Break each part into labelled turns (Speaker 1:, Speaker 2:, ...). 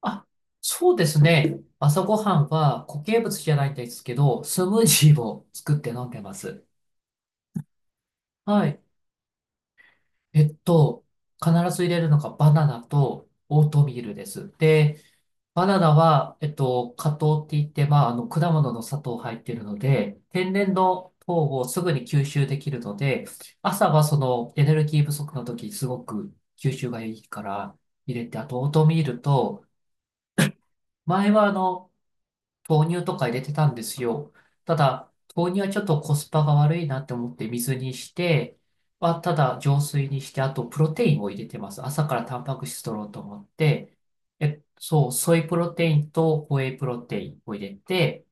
Speaker 1: あ、そうですね。朝ごはんは固形物じゃないんですけど、スムージーを作って飲んでます。はい。えっと、必ず入れるのがバナナとオートミールです。で、バナナは、果糖って言って、果物の砂糖入ってるので、天然の糖をすぐに吸収できるので、朝はそのエネルギー不足の時、すごく吸収がいいから入れて、あとオートミールと、前は豆乳とか入れてたんですよ。ただ、豆乳はちょっとコスパが悪いなって思って水にして、はただ浄水にして、あとプロテインを入れてます。朝からタンパク質取ろうと思って、そう、ソイプロテインとホエイプロテインを入れて、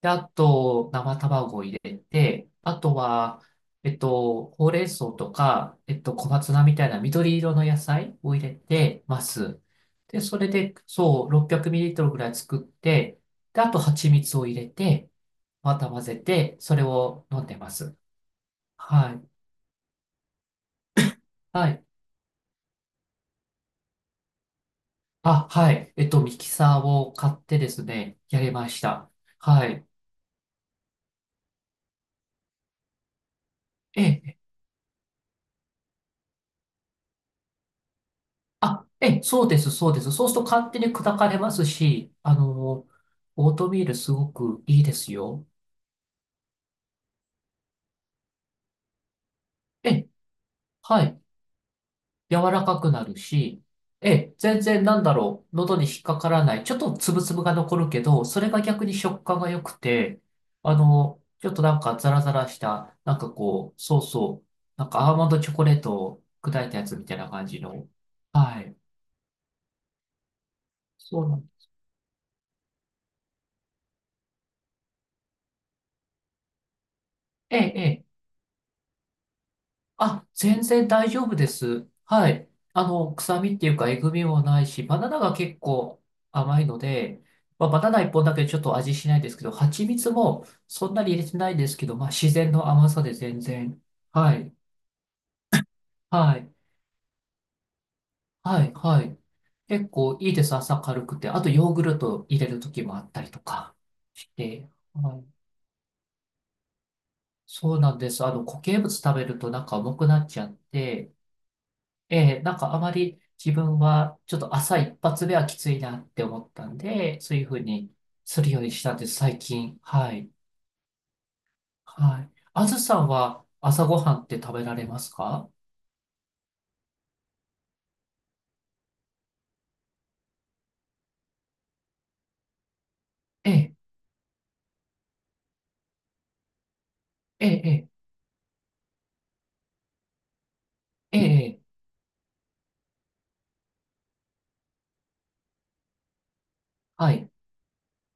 Speaker 1: で、あと、生卵を入れて、あとは、ほうれん草とか、小松菜みたいな緑色の野菜を入れてます。で、それで、そう、600ml ぐらい作って、で、あと、蜂蜜を入れて、また混ぜて、それを飲んでます。はい。はい。あ、はい。ミキサーを買ってですね、やりました。はい。ええ、あ、ええ、そうです、そうです。そうすると勝手に砕かれますし、オートミールすごくいいですよ。ええ、はい。柔らかくなるし、ええ、全然なんだろう、喉に引っかからない。ちょっとつぶつぶが残るけど、それが逆に食感が良くて、ちょっとなんかザラザラした、なんかこう、そうそう、なんかアーモンドチョコレートを砕いたやつみたいな感じの。はい。そうなんええ、えあ、全然大丈夫です。はい。臭みっていうか、えぐみもないし、バナナが結構甘いので、バナナ一本だけちょっと味しないですけど、蜂蜜もそんなに入れてないですけど、自然の甘さで全然。はい。はい。はい。はい。結構いいです。朝軽くて。あと、ヨーグルト入れる時もあったりとかして。はい。そうなんです。固形物食べるとなんか重くなっちゃって、ええ、なんかあまり自分はちょっと朝一発目はきついなって思ったんで、そういうふうにするようにしたんです、最近。はい。はい。あずさんは朝ごはんって食べられますか？ええ、ええ、ええ、ええ、はい。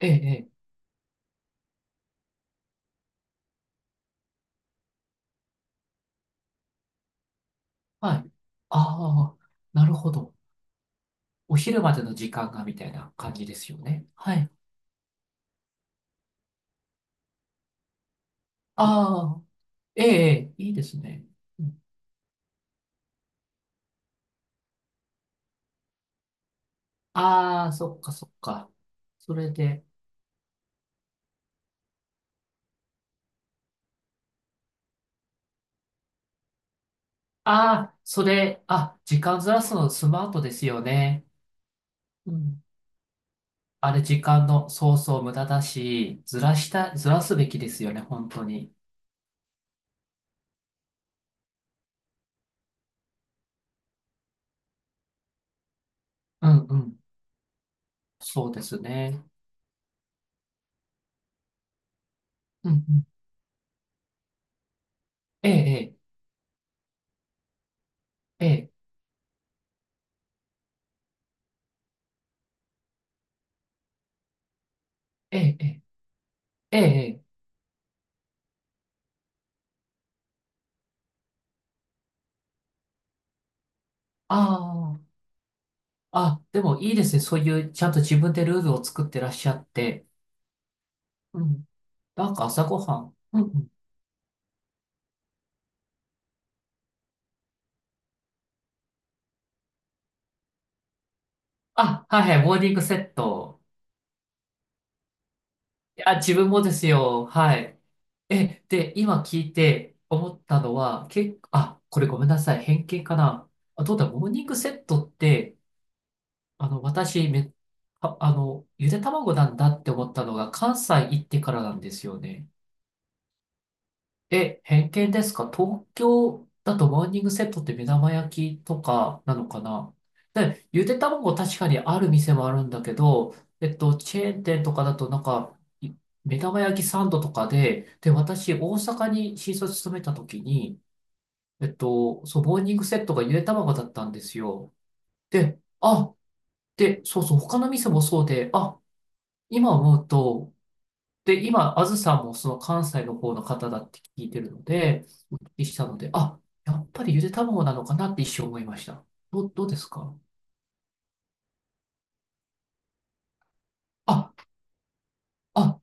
Speaker 1: ええ、ええはい。ああ、なるほど。お昼までの時間がみたいな感じですよね。はい。ああ、ええ、ええいいですね。ああー、そっかそっか。それで、ああ、あ、時間ずらすのスマートですよね。うん。あれ、時間の、そうそう、無駄だし、ずらすべきですよね、本当に。うんうん。そうですね。うんうん。ええ、ええ、ええ、ええ、ええ。ああ、あ、でもいいですね。そういう、ちゃんと自分でルールを作ってらっしゃって。うん。なんか朝ごはん。うんうん。あ、はいはい、モーニングセット。あ、自分もですよ。はい。で、今聞いて思ったのは、結構、あ、これごめんなさい。偏見かな。あ、どうだ、モーニングセットって、あの、私、め、あ、あの、ゆで卵なんだって思ったのが、関西行ってからなんですよね。え、偏見ですか？東京だとモーニングセットって目玉焼きとかなのかな？で、ゆで卵確かにある店もあるんだけど、チェーン店とかだとなんか、目玉焼きサンドとかで、で、私、大阪に新卒勤めた時に、そう、モーニングセットがゆで卵だったんですよ。で、あ、で、そうそう、他の店もそうで、あ、今思うと、で、今、あずさんもその関西の方の方だって聞いてるので、お聞きしたので、あ、やっぱりゆで卵なのかなって一瞬思いました。どうですか？あ、あ、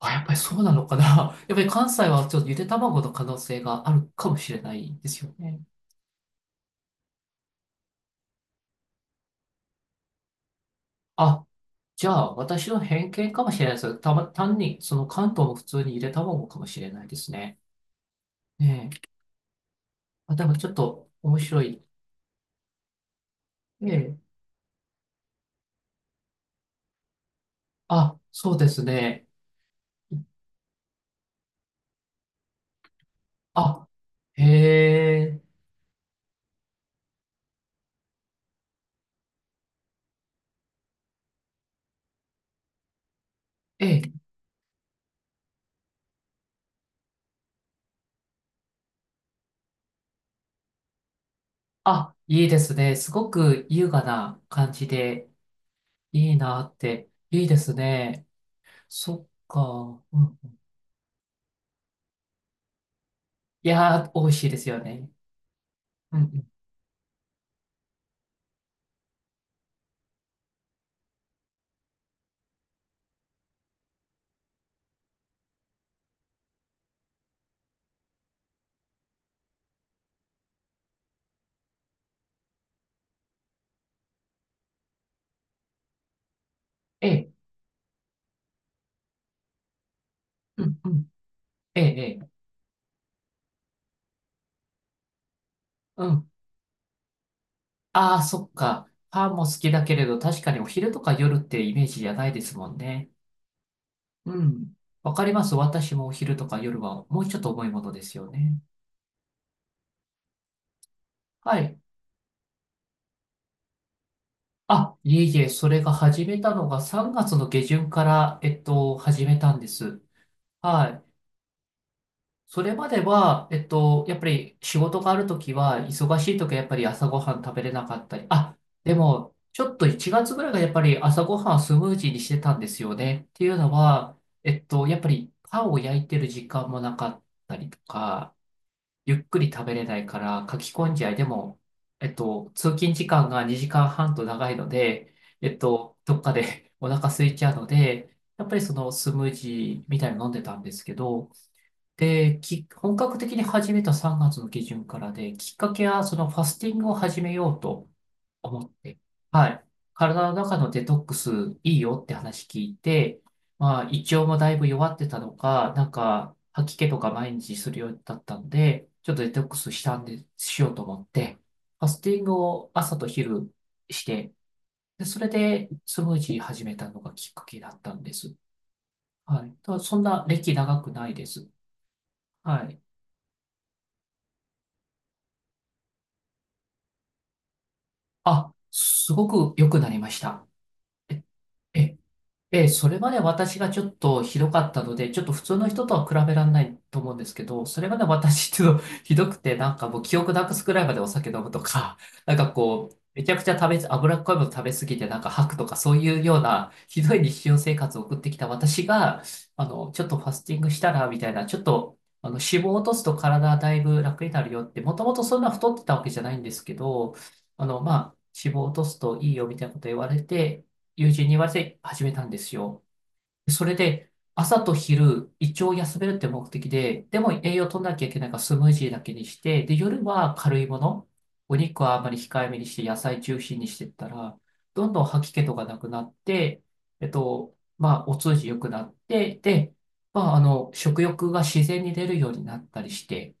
Speaker 1: あ、やっぱりそうなのかな。やっぱり関西はちょっとゆで卵の可能性があるかもしれないですよね。あ、じゃあ私の偏見かもしれないです。単にその関東も普通にゆで卵かもしれないですね。ねえ。あ、でもちょっと面白い。ええ。あ、そうですね。あ、へえ。ええあ、いいですね。すごく優雅な感じで、いいなって。いいですね。そっか。うん、いやー、美味しいですよね。うん、うん。ええ、うん、うん。ええ、ええ、うん。ああ、そっか。パンも好きだけれど、確かにお昼とか夜ってイメージじゃないですもんね。うん。わかります。私もお昼とか夜はもうちょっと重いものですよね。はい。あ、いえいえ、それが始めたのが3月の下旬から、始めたんです。はい。それまでは、やっぱり仕事があるときは、忙しいときはやっぱり朝ごはん食べれなかったり、あ、でも、ちょっと1月ぐらいがやっぱり朝ごはんスムージーにしてたんですよね。っていうのは、やっぱりパンを焼いてる時間もなかったりとか、ゆっくり食べれないから、書き込んじゃいでも、通勤時間が2時間半と長いので、どっかで お腹空いちゃうので、やっぱりそのスムージーみたいなの飲んでたんですけど、本格的に始めた3月の下旬からで、きっかけはそのファスティングを始めようと思って、はい。体の中のデトックスいいよって話聞いて、胃腸もだいぶ弱ってたのか、なんか、吐き気とか毎日するようだったんで、ちょっとデトックスしたんで、しようと思って、ファスティングを朝と昼して、で、それでスムージー始めたのがきっかけだったんです。はい。ただそんな歴長くないです。はい。あ、すごく良くなりました。え、え、ええ、それまで私がちょっとひどかったので、ちょっと普通の人とは比べられないと思うんですけど、それまで私っていうの ひどくて、なんかもう記憶なくすくらいまでお酒飲むとか、なんかこう、めちゃくちゃ食べ、脂っこいもの食べ過ぎてなんか吐くとか、そういうようなひどい日常生活を送ってきた私が、ちょっとファスティングしたら、みたいな、ちょっと、脂肪を落とすと体だいぶ楽になるよって、もともとそんな太ってたわけじゃないんですけど、あの、まあ、脂肪を落とすといいよみたいなこと言われて、友人に言われて始めたんですよ。それで、朝と昼、胃腸を休めるって目的で、でも栄養取らなきゃいけないからスムージーだけにして、で、夜は軽いもの、お肉はあんまり控えめにして、野菜中心にしてったら、どんどん吐き気とかなくなって、お通じ良くなって、で、食欲が自然に出るようになったりして、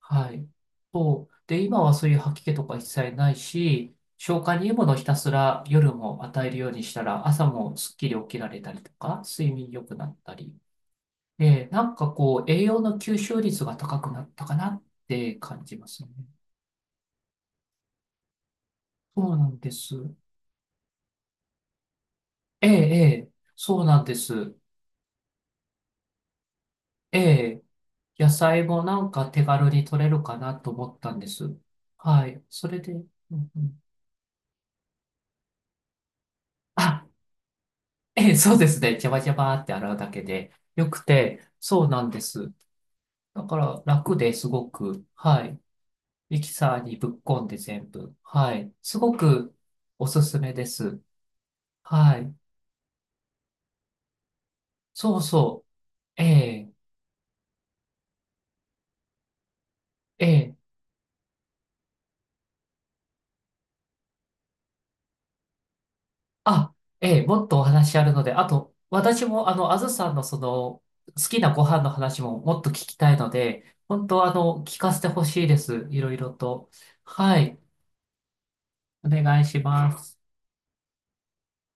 Speaker 1: はい。そう。で、今はそういう吐き気とか一切ないし、消化にいいものをひたすら夜も与えるようにしたら、朝もすっきり起きられたりとか、睡眠良くなったり。で、なんかこう、栄養の吸収率が高くなったかなって感じますね。そうなんです。ええ、ええ、そうなんです。ええ、野菜もなんか手軽に取れるかなと思ったんです。はい。それで、うんうんあええ、そうですね。ジャバジャバーって洗うだけでよくて、そうなんです。だから楽ですごく、はい。ミキサーにぶっこんで全部、はい。すごくおすすめです。はい。そうそう。ええ、ええ、あ、ええ、もっとお話あるので、あと、私もあずさんのその、好きなご飯の話ももっと聞きたいので、本当聞かせてほしいです。いろいろと。はい。お願いします。